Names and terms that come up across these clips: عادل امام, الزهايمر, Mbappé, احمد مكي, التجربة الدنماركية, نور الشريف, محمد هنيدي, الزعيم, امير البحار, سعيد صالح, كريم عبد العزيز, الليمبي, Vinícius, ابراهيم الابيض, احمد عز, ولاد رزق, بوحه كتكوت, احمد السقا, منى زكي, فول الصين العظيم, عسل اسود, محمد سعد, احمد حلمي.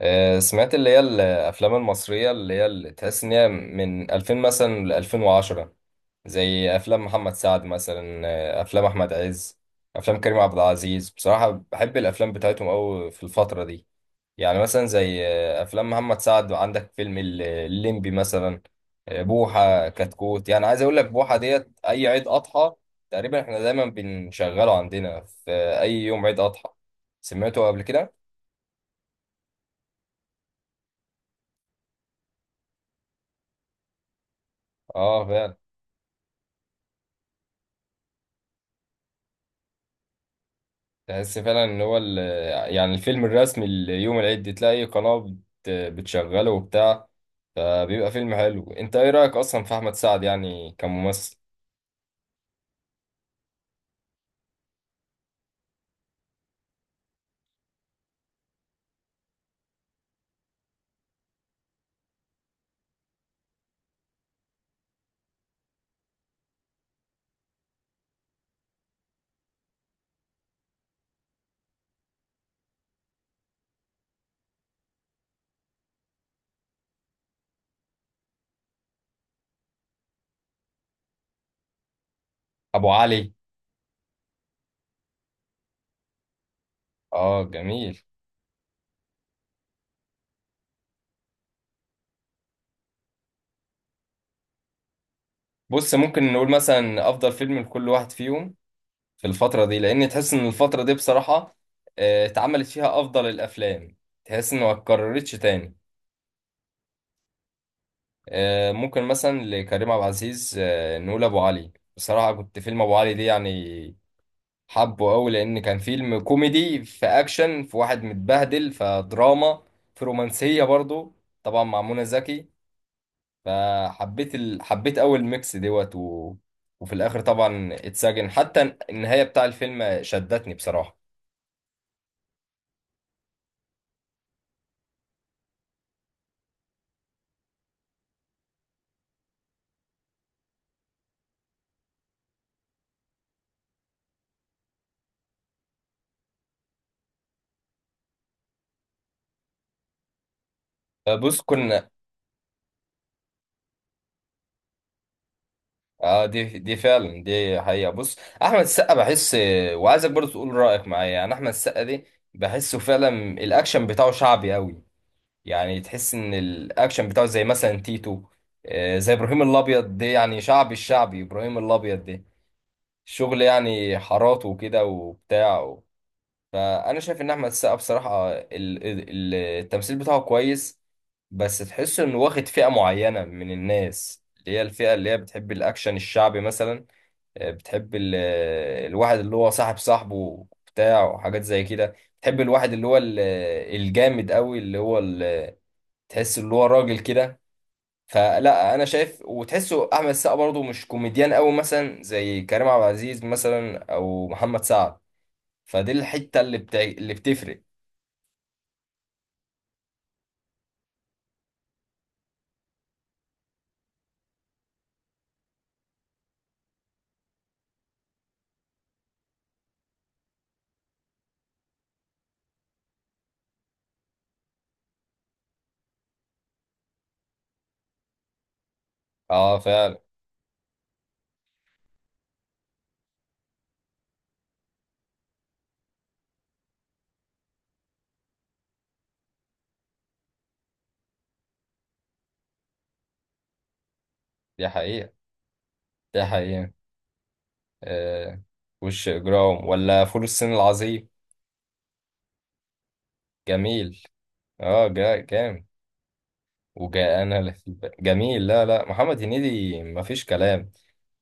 سمعت اللي هي الافلام المصريه اللي هي اللي تحس ان هي من 2000 مثلا ل 2010، زي افلام محمد سعد مثلا، افلام احمد عز. افلام كريم عبد العزيز بصراحه بحب الافلام بتاعتهم قوي في الفتره دي. يعني مثلا زي افلام محمد سعد عندك فيلم الليمبي مثلا. بوحه كتكوت، يعني عايز اقول لك بوحه ديت اي عيد اضحى تقريبا احنا دايما بنشغله عندنا في اي يوم عيد اضحى. سمعته قبل كده. اه فعلا. تحس فعلا ان هو يعني الفيلم الرسمي ليوم العيد، تلاقي قناة بتشغله وبتاع، فبيبقى فيلم حلو. انت ايه رأيك اصلا في احمد سعد يعني كممثل؟ ابو علي. اه جميل. بص، ممكن نقول مثلا افضل فيلم لكل واحد فيهم في الفترة دي، لان تحس ان الفترة دي بصراحة اتعملت فيها افضل الافلام. تحس انه ما اتكررتش تاني. ممكن مثلا لكريم عبد العزيز نقول ابو علي. بصراحة كنت فيلم ابو علي دي يعني حبه قوي، لان كان فيلم كوميدي في اكشن في واحد متبهدل فدراما في رومانسيه برضو، طبعا مع منى زكي. فحبيت ال... حبيت اول ميكس دوت و... وفي الاخر طبعا اتسجن حتى النهايه بتاع الفيلم شدتني بصراحه. بص كنا، اه دي فعلا، دي حقيقه. بص، احمد السقا بحس، وعايزك برضو تقول رايك معايا، يعني احمد السقا دي بحسه فعلا الاكشن بتاعه شعبي قوي. يعني تحس ان الاكشن بتاعه زي مثلا تيتو، زي ابراهيم الابيض ده، يعني شعبي، الشعبي ابراهيم الابيض ده، الشغل يعني حاراته وكده وبتاع و... فانا شايف ان احمد السقا بصراحه ال... التمثيل بتاعه كويس، بس تحس انه واخد فئه معينه من الناس اللي هي الفئه اللي هي بتحب الاكشن الشعبي مثلا. بتحب ال... الواحد اللي هو صاحبه بتاع وحاجات زي كده، بتحب الواحد اللي هو الجامد قوي اللي هو ال... تحس اللي هو راجل كده. فلا انا شايف وتحسه احمد السقا برضه مش كوميديان قوي مثلا زي كريم عبد العزيز مثلا او محمد سعد. فدي الحته اللي اللي بتفرق. اه فعلا. دي حقيقه. دي حقيقه. آه. وش اجرام ولا فول الصين العظيم؟ جميل. اه جا جامد. وجا انا لا في بقى. جميل. لا محمد هنيدي مفيش كلام.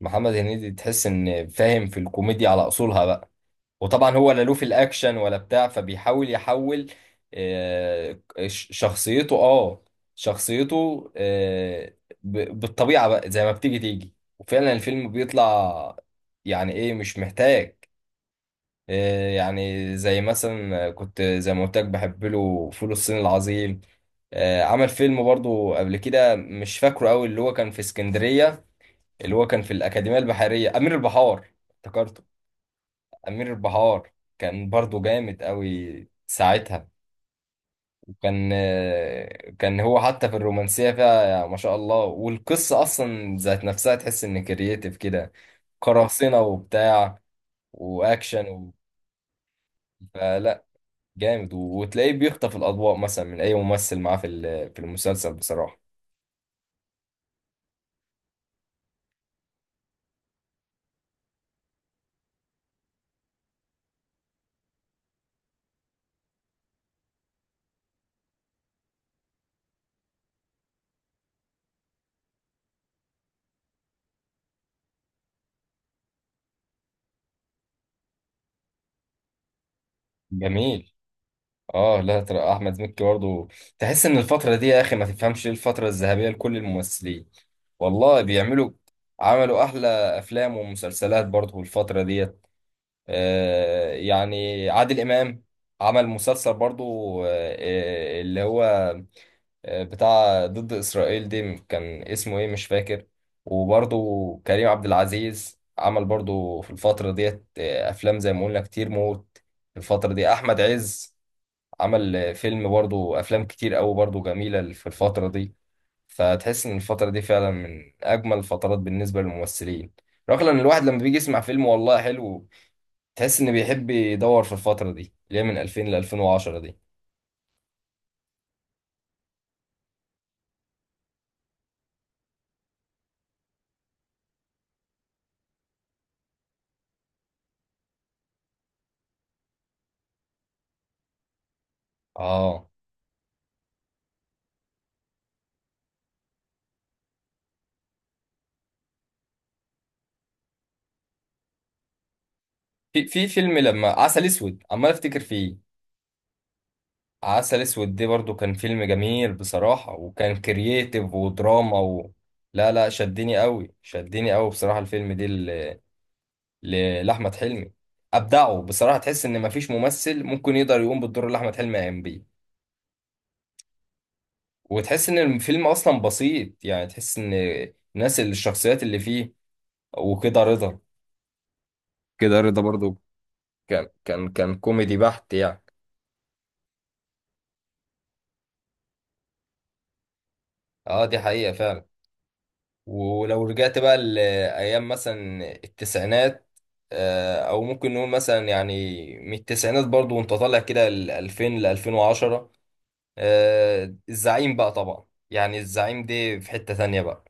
محمد هنيدي تحس ان فاهم في الكوميديا على اصولها بقى. وطبعا هو لا له في الاكشن ولا بتاع، فبيحاول يحول. آه، شخصيته اه، شخصيته. بالطبيعه بقى زي ما بتيجي وفعلا الفيلم بيطلع، يعني ايه مش محتاج. يعني زي مثلا كنت زي ما قلت لك بحب له فول الصين العظيم. عمل فيلم برضو قبل كده مش فاكره قوي اللي هو كان في اسكندريه، اللي هو كان في الاكاديميه البحريه، امير البحار افتكرته. أمير البحار. كان برضو جامد قوي ساعتها. وكان كان هو حتى في الرومانسية فيها، يعني ما شاء الله، والقصة أصلا ذات نفسها تحس إن كرييتيف كده، قراصنة وبتاع وأكشن و... فلا جامد، وتلاقيه بيخطف الأضواء مثلا من أي ممثل معاه في المسلسل بصراحة. جميل. اه لا ترى احمد مكي برضه تحس ان الفتره دي، يا اخي ما تفهمش ليه الفتره الذهبيه لكل الممثلين، والله بيعملوا، عملوا احلى افلام ومسلسلات برضه الفتره ديت. آه، يعني عادل امام عمل مسلسل برضه. آه. اللي هو آه بتاع ضد اسرائيل دي كان اسمه ايه مش فاكر. وبرضه كريم عبد العزيز عمل برضه في الفتره ديت آه افلام زي ما قلنا كتير موت. في الفتره دي احمد عز عمل فيلم برضو، افلام كتير قوي برضو جميله في الفتره دي. فتحس ان الفتره دي فعلا من اجمل الفترات بالنسبه للممثلين، رغم ان الواحد لما بيجي يسمع فيلم والله حلو. تحس انه بيحب يدور في الفتره دي اللي هي من 2000 ل 2010 دي. اه في فيلم لما عسل اسود عمال افتكر فيه. عسل اسود دي برضو كان فيلم جميل بصراحه، وكان كرييتيف ودراما و... لا لا، شدني قوي، شدني قوي بصراحه الفيلم دي لأحمد حلمي. أبدعوا بصراحة، تحس إن مفيش ممثل ممكن يقدر يقوم بالدور اللي أحمد حلمي قام بيه. وتحس إن الفيلم أصلا بسيط، يعني تحس إن الناس الشخصيات اللي فيه. وكده رضا، كده رضا برضو، كان كوميدي بحت يعني. اه دي حقيقة فعلا. ولو رجعت بقى لأيام مثلا التسعينات، أو ممكن نقول مثلا يعني من التسعينات برضو وأنت طالع كده ل 2000 ل 2010. آه، الزعيم بقى طبعا، يعني الزعيم دي في حتة تانية بقى،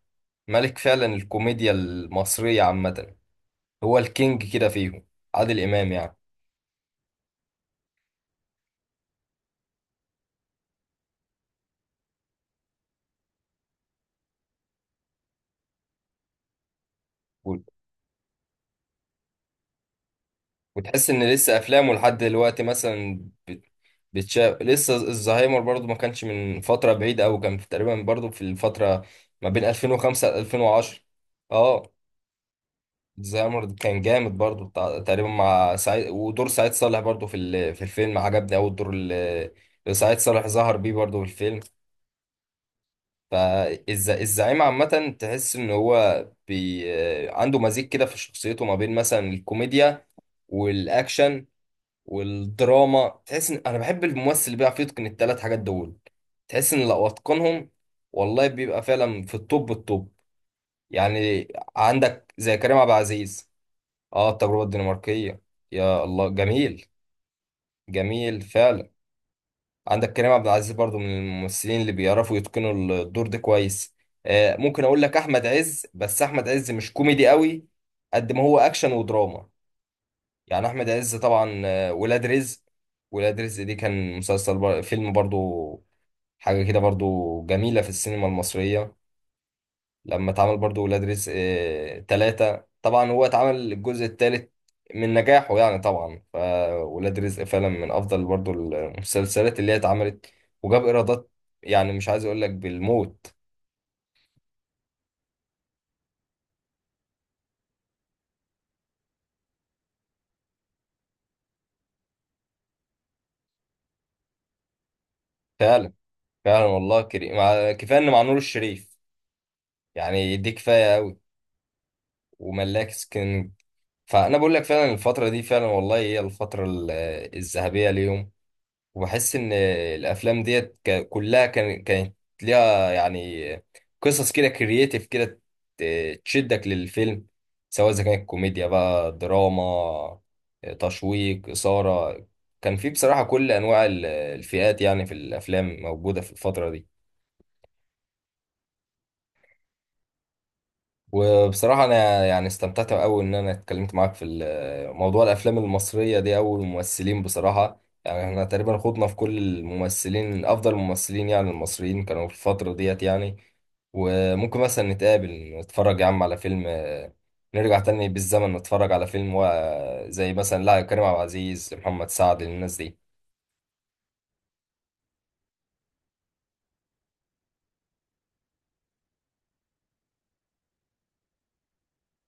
ملك فعلا الكوميديا المصرية عامة. هو الكينج كده فيهم، عادل إمام يعني. و- وتحس إن لسه أفلامه لحد دلوقتي مثلا بتشاف لسه. الزهايمر برضو ما كانش من فترة بعيدة أوي، كان تقريبا برضو في الفترة ما بين 2005 ل 2010. اه زامر كان جامد برضو تقريبا مع سعيد، ودور سعيد صالح برضو في الفيلم عجبني أوي الدور اللي سعيد صالح ظهر بيه برضو في الفيلم. فالزعيم عامة تحس إن هو عنده مزيج كده في شخصيته ما بين مثلا الكوميديا والأكشن والدراما. تحس إن أنا بحب الممثل اللي بيعرف يتقن التلات حاجات دول، تحس إن لو أتقنهم والله بيبقى فعلا في التوب التوب يعني. عندك زي كريم عبد العزيز. اه التجربة الدنماركية. يا الله، جميل. جميل فعلا. عندك كريم عبد العزيز برضو من الممثلين اللي بيعرفوا يتقنوا الدور ده كويس. آه ممكن اقول لك احمد عز، بس احمد عز مش كوميدي قوي قد ما هو اكشن ودراما. يعني احمد عز طبعا، ولاد رزق. ولاد رزق دي كان مسلسل فيلم برضو، حاجة كده برضو جميلة في السينما المصرية. لما اتعمل برضو ولاد رزق تلاتة، طبعا هو اتعمل الجزء التالت من نجاحه. يعني طبعا فولاد رزق فعلا من أفضل برضو المسلسلات اللي هي اتعملت، وجاب إيرادات يعني مش عايز أقول لك بالموت. فعلا فعلا والله كريم، كفاية إن مع نور الشريف يعني، دي كفاية أوي. وملاك سكن. فأنا بقول لك فعلا الفترة دي فعلا والله هي الفترة الذهبية ليهم. وبحس ان الافلام ديت كلها كانت ليها يعني قصص كده كرييتيف كده، تشدك للفيلم، سواء اذا كانت كوميديا بقى، دراما، تشويق، اثاره. كان في بصراحه كل انواع الفئات يعني في الافلام موجوده في الفتره دي. وبصراحة أنا يعني استمتعت أوي إن أنا اتكلمت معاك في موضوع الأفلام المصرية دي أو الممثلين. بصراحة يعني إحنا تقريبا خضنا في كل الممثلين، أفضل الممثلين يعني المصريين كانوا في الفترة ديت يعني. وممكن مثلا نتقابل نتفرج يا عم على فيلم، نرجع تاني بالزمن نتفرج على فيلم زي مثلا لا كريم عبد العزيز، محمد سعد، الناس دي.